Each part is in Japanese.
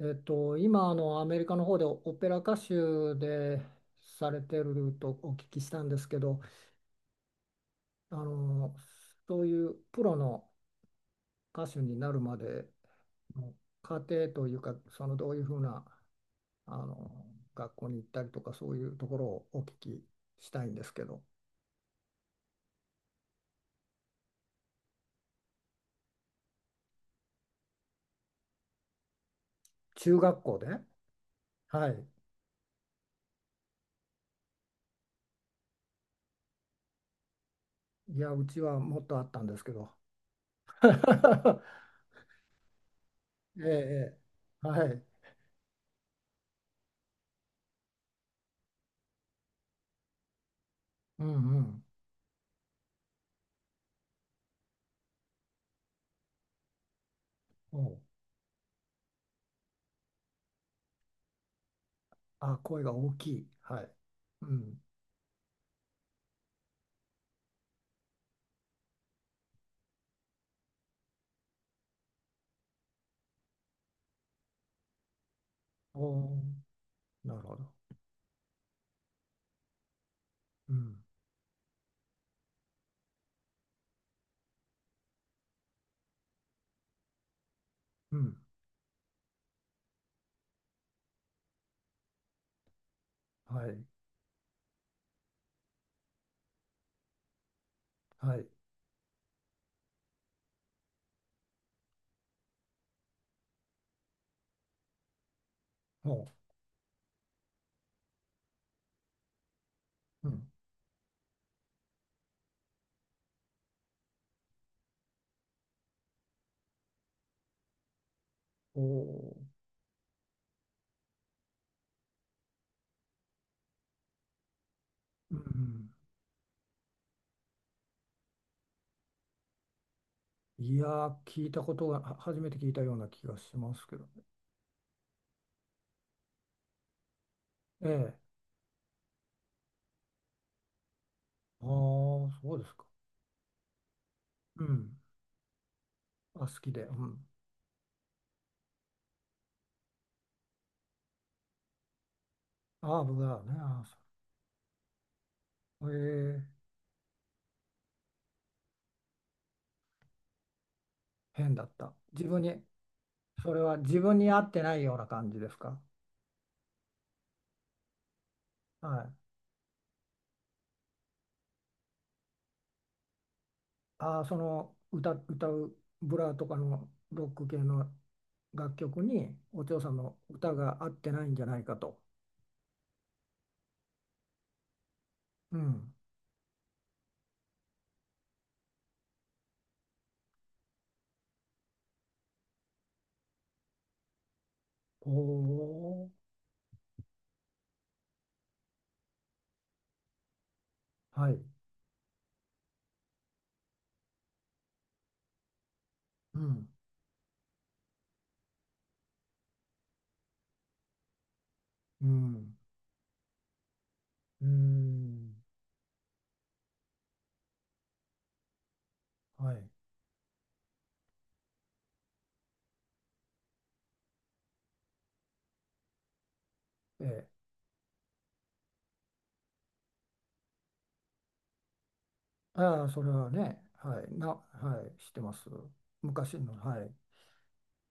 今アメリカの方でオオペラ歌手でされてるとお聞きしたんですけど、あのそういうプロの歌手になるまでの過程というか、そのどういうふうなあの学校に行ったりとかそういうところをお聞きしたいんですけど。中学校で、はい。いやうちはもっとあったんですけど。ええ、ええはい、うんうん、おうあ、声が大きい、はい、うん。おーなるほど。うん。うん。はい。はい。おう。うん。おーうん。うん。いやー、聞いたことが、は初めて聞いたような気がしますけどね。ええ。ああ、そうですか。うん。あ、好きで。うん。ああ、僕はね。ああそうええ、変だった。自分に、それは自分に合ってないような感じですか。はい。ああ、その歌うブラとかのロック系の楽曲にお嬢さんの歌が合ってないんじゃないかと。うん。おお、はい。うん。うん。うーん。はい。ええ。ああ、それはね、はい。はい。知ってます。昔の、はい。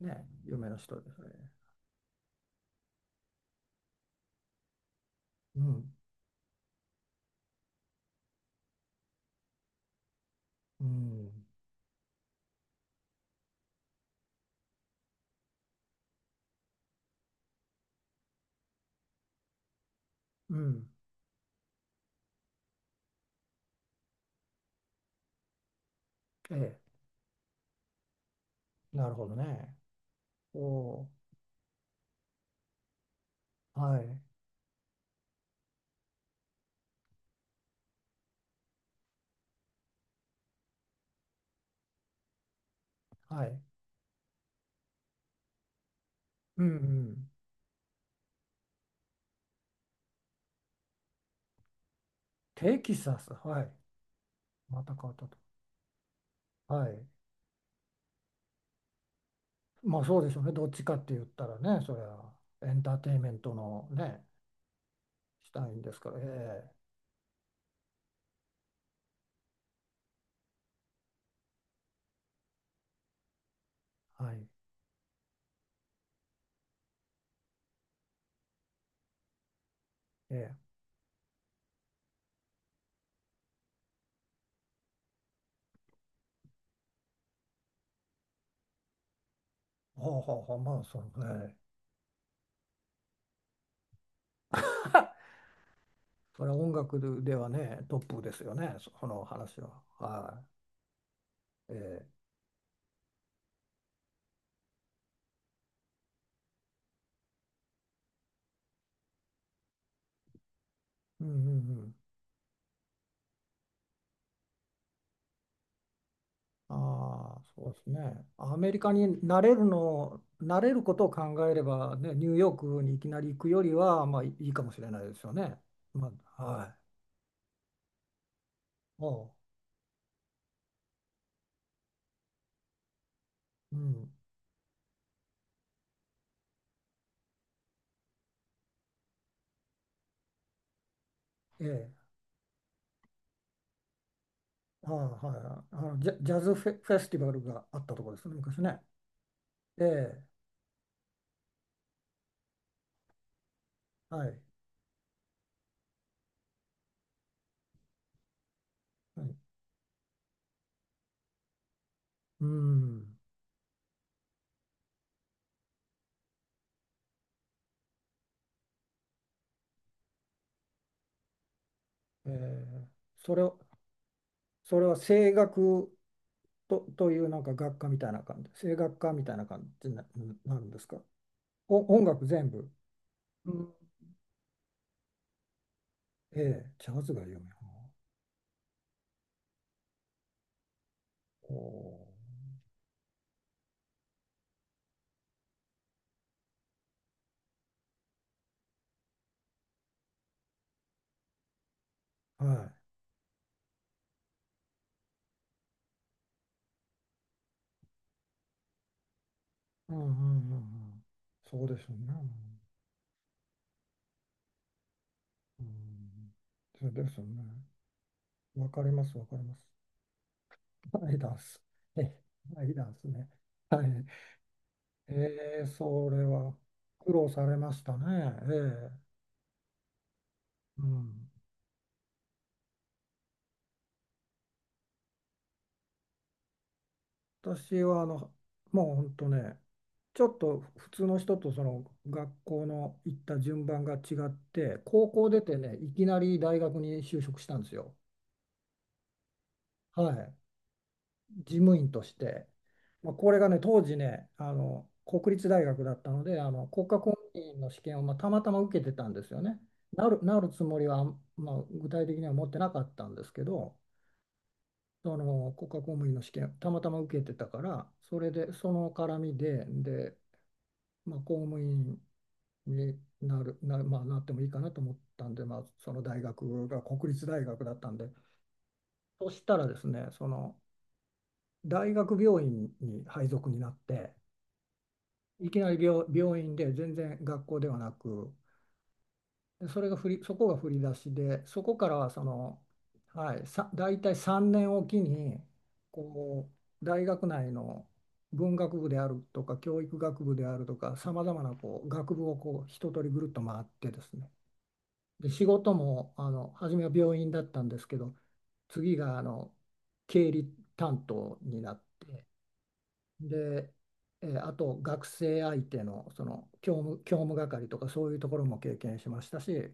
ね、有名な人ですね。うん。うん。うん。ええ。なるほどね。おお、はい。はい。うんうん。テキサス、はい。また変わったと。はい。まあそうでしょうね。どっちかって言ったらね、それはエンターテインメントのね、したいんですから。ええはい。ええほうほうほう、まあそうね。ええそれは音楽ではね、トップですよね、その話は。はい。ええうんうんうん。ああ、そうですね。アメリカに慣れることを考えれば、ね、ニューヨークにいきなり行くよりは、まあいいかもしれないですよね。まあ、はい。おう、うん。ええはいはい。ジャ、ジャズフェ、フェスティバルがあったところですね、昔ね。ええ、はい。はい、うん。ええ、それを、それは声楽というなんか学科みたいな感じ、声楽科みたいな感じになるんですか。お、音楽全部。うん、ええ、ジャズが有名。おーはい。うんうんうんうん。そうですよね。うん、そうですよね。わかります、わかります。はいダンス。え、はいダンスね。はい。それは苦労されましたね。うん。私はもう本当ね、ちょっと普通の人とその学校の行った順番が違って、高校出てね、いきなり大学に就職したんですよ。はい。事務員として、まあ、これがね当時ね国立大学だったので国家公務員の試験を、まあ、たまたま受けてたんですよね。なるつもりは、まあ、具体的には持ってなかったんですけど、その国家公務員の試験たまたま受けてたからそれでその絡みで、で、まあ、公務員になる、な、まあ、なってもいいかなと思ったんで、まあ、その大学が国立大学だったんで、そしたらですねその大学病院に配属になって。いきなり病院で、全然学校ではなく。でそこが振り出しで、そこからはその、はい、大体3年おきにこう大学内の文学部であるとか教育学部であるとかさまざまなこう学部をこう一通りぐるっと回ってですね、で仕事も初めは病院だったんですけど、次が経理担当になって。で、あと学生相手の、その教務係とかそういうところも経験しましたし、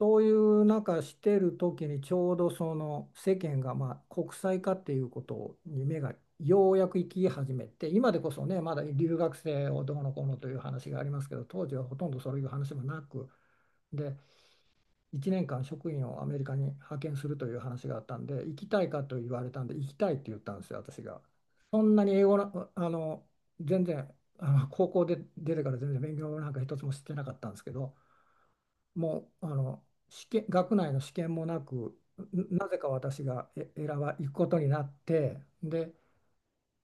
そういう中してる時にちょうどその世間がまあ国際化っていうことに目がようやく行き始めて、今でこそね、まだ留学生をどうのこうのという話がありますけど、当時はほとんどそういう話もなく、で、1年間職員をアメリカに派遣するという話があったんで、行きたいかと言われたんで、行きたいって言ったんですよ、私が。そんなに英語の、全然、高校で出てから全然勉強なんか一つもしてなかったんですけど、もう、学内の試験もなく、なぜか私がえ選ば、行くことになって、で、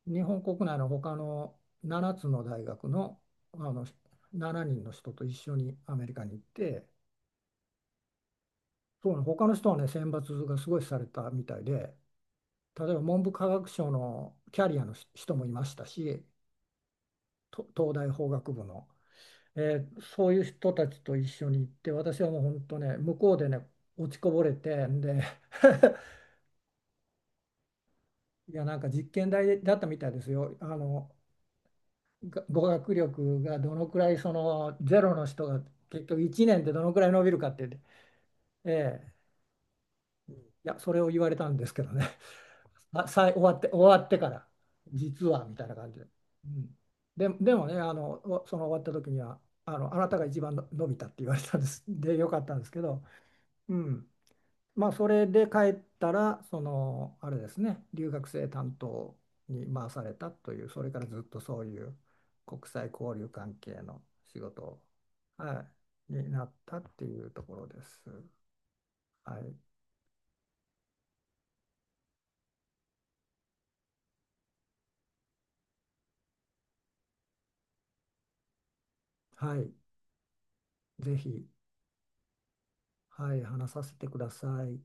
日本国内の他の7つの大学の、あの、7人の人と一緒にアメリカに行って、そうね他の人はね、選抜がすごいされたみたいで、例えば文部科学省のキャリアの人もいましたし、と東大法学部の、そういう人たちと一緒に行って、私はもう本当ね、向こうでね、落ちこぼれて、で、いや、なんか実験台だったみたいですよ。語学力がどのくらい、その、ゼロの人が結局1年でどのくらい伸びるかって、ええいや、それを言われたんですけどね。あ、終わってから、実はみたいな感じで。うん。で、でもね、その終わった時には、あなたが一番の伸びたって言われたんです。で、よかったんですけど、うん。まあ、それで帰ったら、その、あれですね、留学生担当に回されたという、それからずっとそういう国際交流関係の仕事を、はい、になったっていうところです。はい。はい。ぜひ、はい、話させてください。